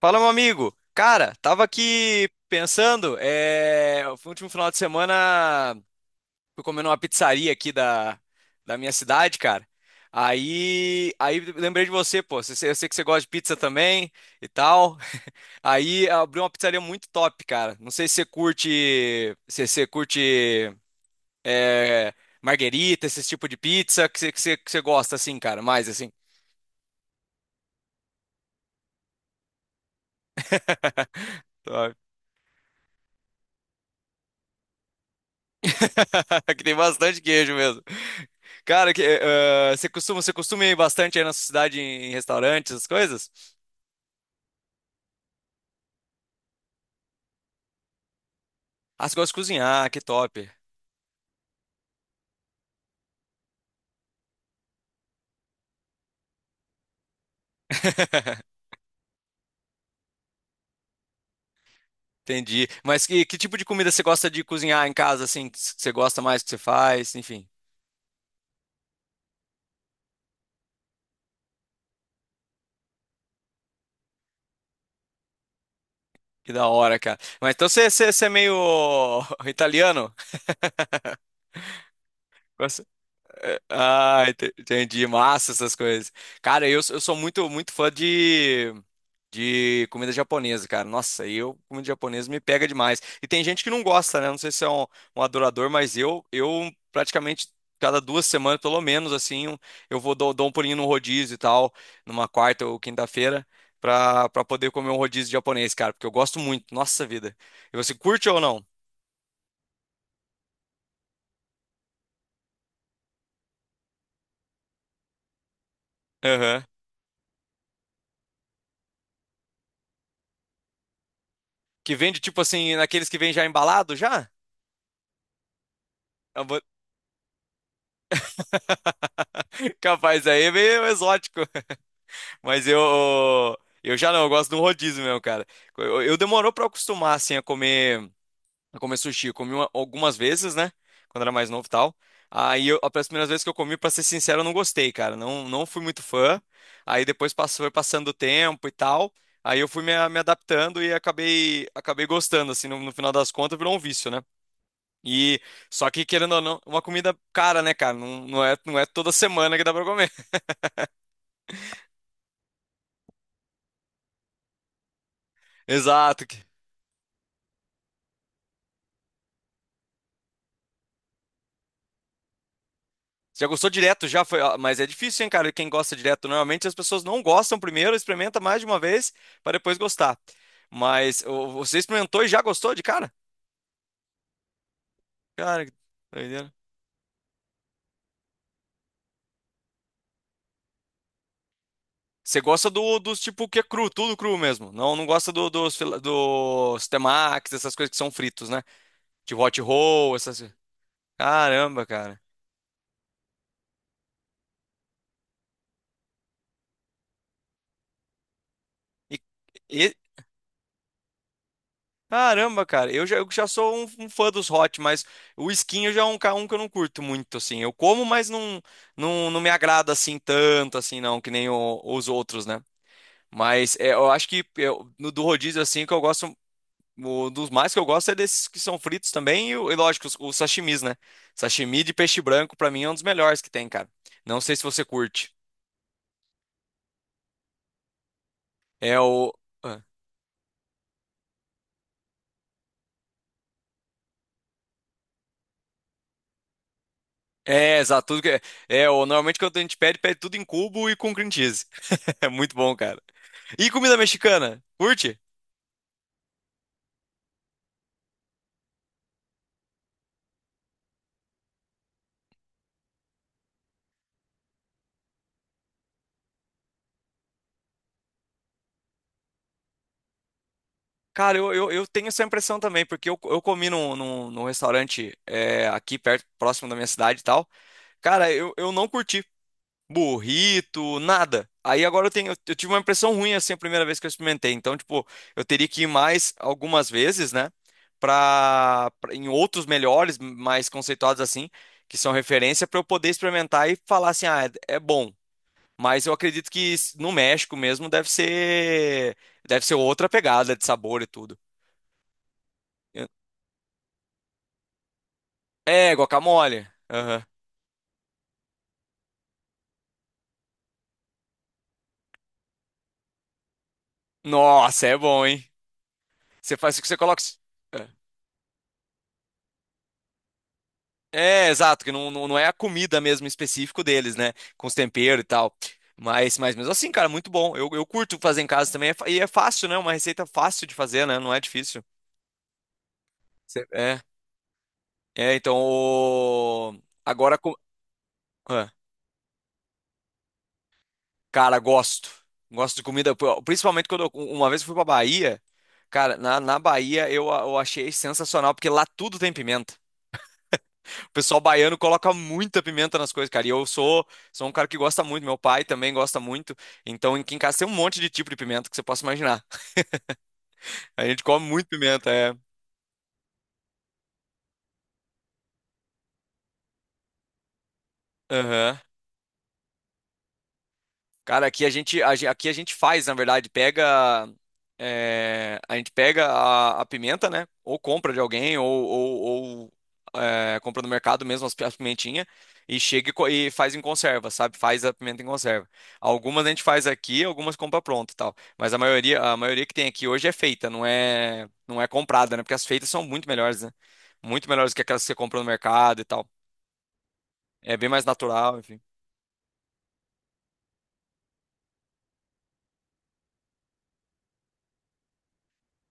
Fala, meu amigo. Cara, tava aqui pensando, foi o último final de semana fui comer numa pizzaria aqui da minha cidade, cara. Aí lembrei de você, pô. Eu sei que você gosta de pizza também e tal. Aí abriu uma pizzaria muito top, cara. Não sei se você curte, se você curte é... marguerita, esse tipo de pizza que você gosta assim, cara, mais assim. Que tem bastante queijo mesmo. Cara, você costuma ir bastante aí na sua cidade em restaurantes, essas coisas? Ah, você gosta de cozinhar, que top. Entendi. Mas que tipo de comida você gosta de cozinhar em casa, assim, que você gosta mais que você faz, enfim. Que da hora, cara. Mas então você é meio italiano? Gosta- Ah, entendi. Massa essas coisas. Cara, eu sou muito fã de comida japonesa, cara. Nossa, eu, comida japonesa me pega demais. E tem gente que não gosta, né? Não sei se é um adorador, mas eu praticamente cada duas semanas, pelo menos, assim, eu dou um pulinho no rodízio e tal, numa quarta ou quinta-feira, pra poder comer um rodízio japonês, cara, porque eu gosto muito. Nossa vida. E você curte ou não? Aham. Que vende, tipo assim, naqueles que vem já embalado, já? Eu vou- Capaz, aí é meio exótico. Mas eu já não, eu gosto de um rodízio mesmo, cara. Eu demorou pra eu acostumar, assim, a comer sushi. Eu comi algumas vezes, né? Quando era mais novo e tal. Aí, eu, as primeiras vezes que eu comi, pra ser sincero, eu não gostei, cara. Não, não fui muito fã. Aí depois passou, foi passando o tempo e tal. Aí eu fui me adaptando e acabei gostando, assim, no final das contas, virou um vício, né? E só que, querendo ou não, uma comida cara, né, cara? Não, não é toda semana que dá pra comer. Exato. Você já gostou direto, já foi. Ah, mas é difícil, hein, cara? Quem gosta direto, normalmente as pessoas não gostam primeiro, experimenta mais de uma vez para depois gostar. Mas ô, você experimentou e já gostou de cara? Cara, que doideira. Você gosta do, dos tipo que é cru, tudo cru mesmo. Não, não gosta do, dos, dos temakis, essas coisas que são fritos, né? De hot roll, essas. Caramba, cara. E, Caramba, cara, eu já sou um fã dos hot, mas o skin já é um que eu não curto muito, assim. Eu como, mas não me agrada assim tanto, assim, não, que nem os outros, né? Mas é, eu acho que no do rodízio, assim, que eu gosto, o, dos mais que eu gosto é desses que são fritos também, e lógico, os sashimis, né? Sashimi de peixe branco, pra mim, é um dos melhores que tem, cara. Não sei se você curte. É o. É, exato. Tudo que é, normalmente quando a gente pede, pede tudo em cubo e com cream cheese. É muito bom, cara. E comida mexicana? Curte? Cara, eu tenho essa impressão também, porque eu comi num restaurante é, aqui perto, próximo da minha cidade e tal. Cara, eu não curti. Burrito, nada. Aí agora eu tenho, eu tive uma impressão ruim assim a primeira vez que eu experimentei. Então, tipo, eu teria que ir mais algumas vezes, né? Em outros melhores, mais conceituados assim, que são referência, pra eu poder experimentar e falar assim, ah, é, é bom. Mas eu acredito que no México mesmo deve ser outra pegada de sabor e tudo. Eu- É, guacamole. Aham. Nossa, é bom, hein? Você faz o que você coloca. É, exato, que não é a comida mesmo em específico deles, né? Com os temperos e tal. Mas mesmo assim, cara, muito bom. Eu curto fazer em casa também. E é fácil, né? Uma receita fácil de fazer, né? Não é difícil. É, é, então. Agora. Ah, cara, gosto. Gosto de comida. Pô, principalmente quando eu, uma vez eu fui pra Bahia. Cara, na Bahia eu, eu achei sensacional, porque lá tudo tem pimenta. O pessoal baiano coloca muita pimenta nas coisas, cara. E eu sou, sou um cara que gosta muito, meu pai também gosta muito. Então, aqui em casa tem um monte de tipo de pimenta que você possa imaginar. A gente come muito pimenta, é. Aham. Cara, aqui a gente, aqui a gente faz, na verdade, pega, é, a gente pega a pimenta, né? Ou compra de alguém, ou compra no mercado mesmo as, as pimentinhas e chega e e faz em conserva, sabe? Faz a pimenta em conserva. Algumas a gente faz aqui, algumas compra pronta e tal. Mas a maioria que tem aqui hoje é feita, não é comprada, né? Porque as feitas são muito melhores, né? Muito melhores que aquelas que você compra no mercado e tal. É bem mais natural, enfim.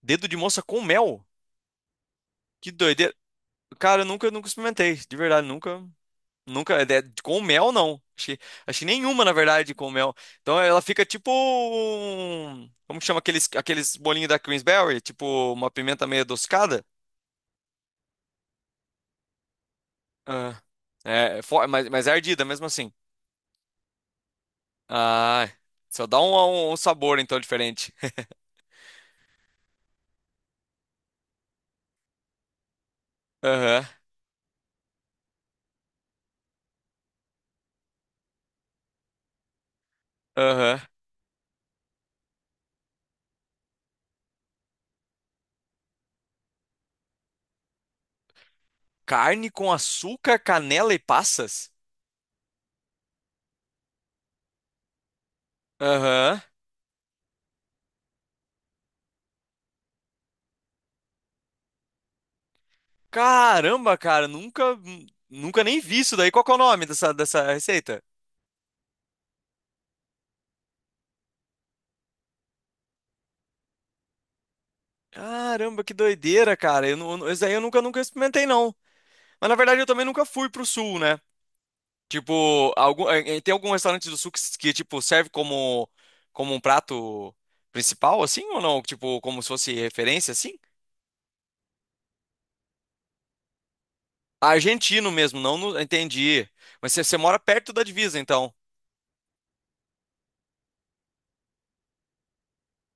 Dedo de moça com mel? Que doideira. Cara, eu nunca, nunca experimentei, de verdade, nunca, nunca, com mel não, achei, achei nenhuma, na verdade, com mel, então ela fica tipo, como que chama aqueles, aqueles bolinhos da Queensberry, tipo uma pimenta meio adocicada. Ah, é, mas é ardida mesmo assim, ah, só dá um sabor, então, diferente. Aham. Aham. Carne com açúcar, canela e passas. Aham. Caramba, cara, nunca, nunca nem vi isso daí, qual que é o nome dessa receita? Caramba, que doideira, cara. Eu, não- Isso aí eu nunca, nunca experimentei, não. Mas na verdade eu também nunca fui pro sul, né? Tipo, algum, tem algum restaurante do sul que, que, tipo, serve como, como um prato principal, assim, ou não? Tipo, como se fosse referência, assim? Argentino mesmo, entendi. Mas você mora perto da divisa, então.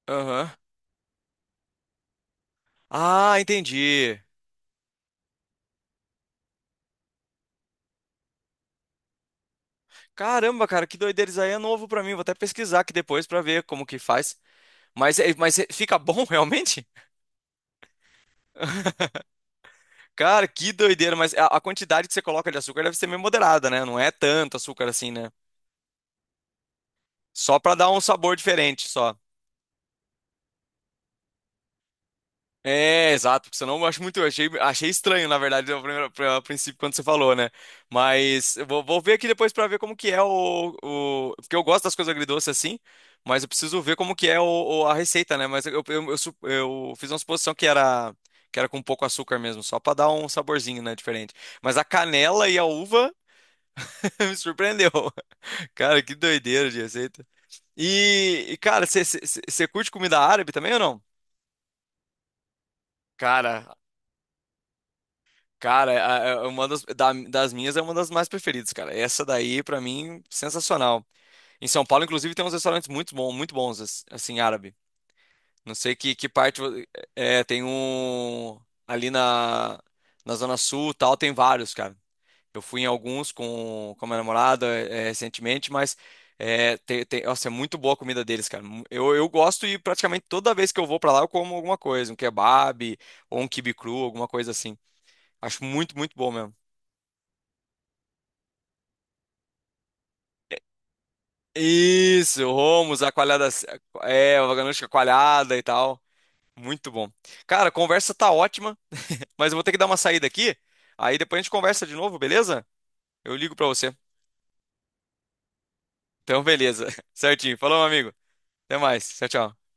Aham. Ah, entendi. Caramba, cara, que doideira. Isso aí é novo pra mim. Vou até pesquisar aqui depois pra ver como que faz. Mas, mas fica bom realmente? Cara, que doideira, mas a quantidade que você coloca de açúcar deve ser meio moderada, né? Não é tanto açúcar assim, né? Só pra dar um sabor diferente, só. É, exato, porque senão eu acho muito. Eu Achei, achei estranho, na verdade, ao a princípio, quando você falou, né? Mas eu vou, vou ver aqui depois pra ver como que é o. Porque eu gosto das coisas agridoces assim, mas eu preciso ver como que é o, a receita, né? Mas eu fiz uma suposição que era com pouco açúcar mesmo, só pra dar um saborzinho, né? Diferente. Mas a canela e a uva me surpreendeu. Cara, que doideira de receita. Cara, você curte comida árabe também ou não? Cara, cara, uma das, das minhas é uma das mais preferidas, cara. Essa daí, pra mim, sensacional. Em São Paulo, inclusive, tem uns restaurantes muito bons, assim, árabe. Não sei que parte. É, tem um. Ali na, na Zona Sul e tal, tem vários, cara. Eu fui em alguns com a minha namorada recentemente, mas é, nossa, é muito boa a comida deles, cara. Eu gosto e praticamente toda vez que eu vou pra lá eu como alguma coisa, um kebab ou um quibe cru, alguma coisa assim. Acho muito bom mesmo. Isso, Romos, a coalhada, é, a vaganucha coalhada e tal. Muito bom. Cara, a conversa tá ótima, mas eu vou ter que dar uma saída aqui. Aí depois a gente conversa de novo, beleza? Eu ligo pra você. Então, beleza. Certinho. Falou, meu amigo. Até mais. Tchau, tchau.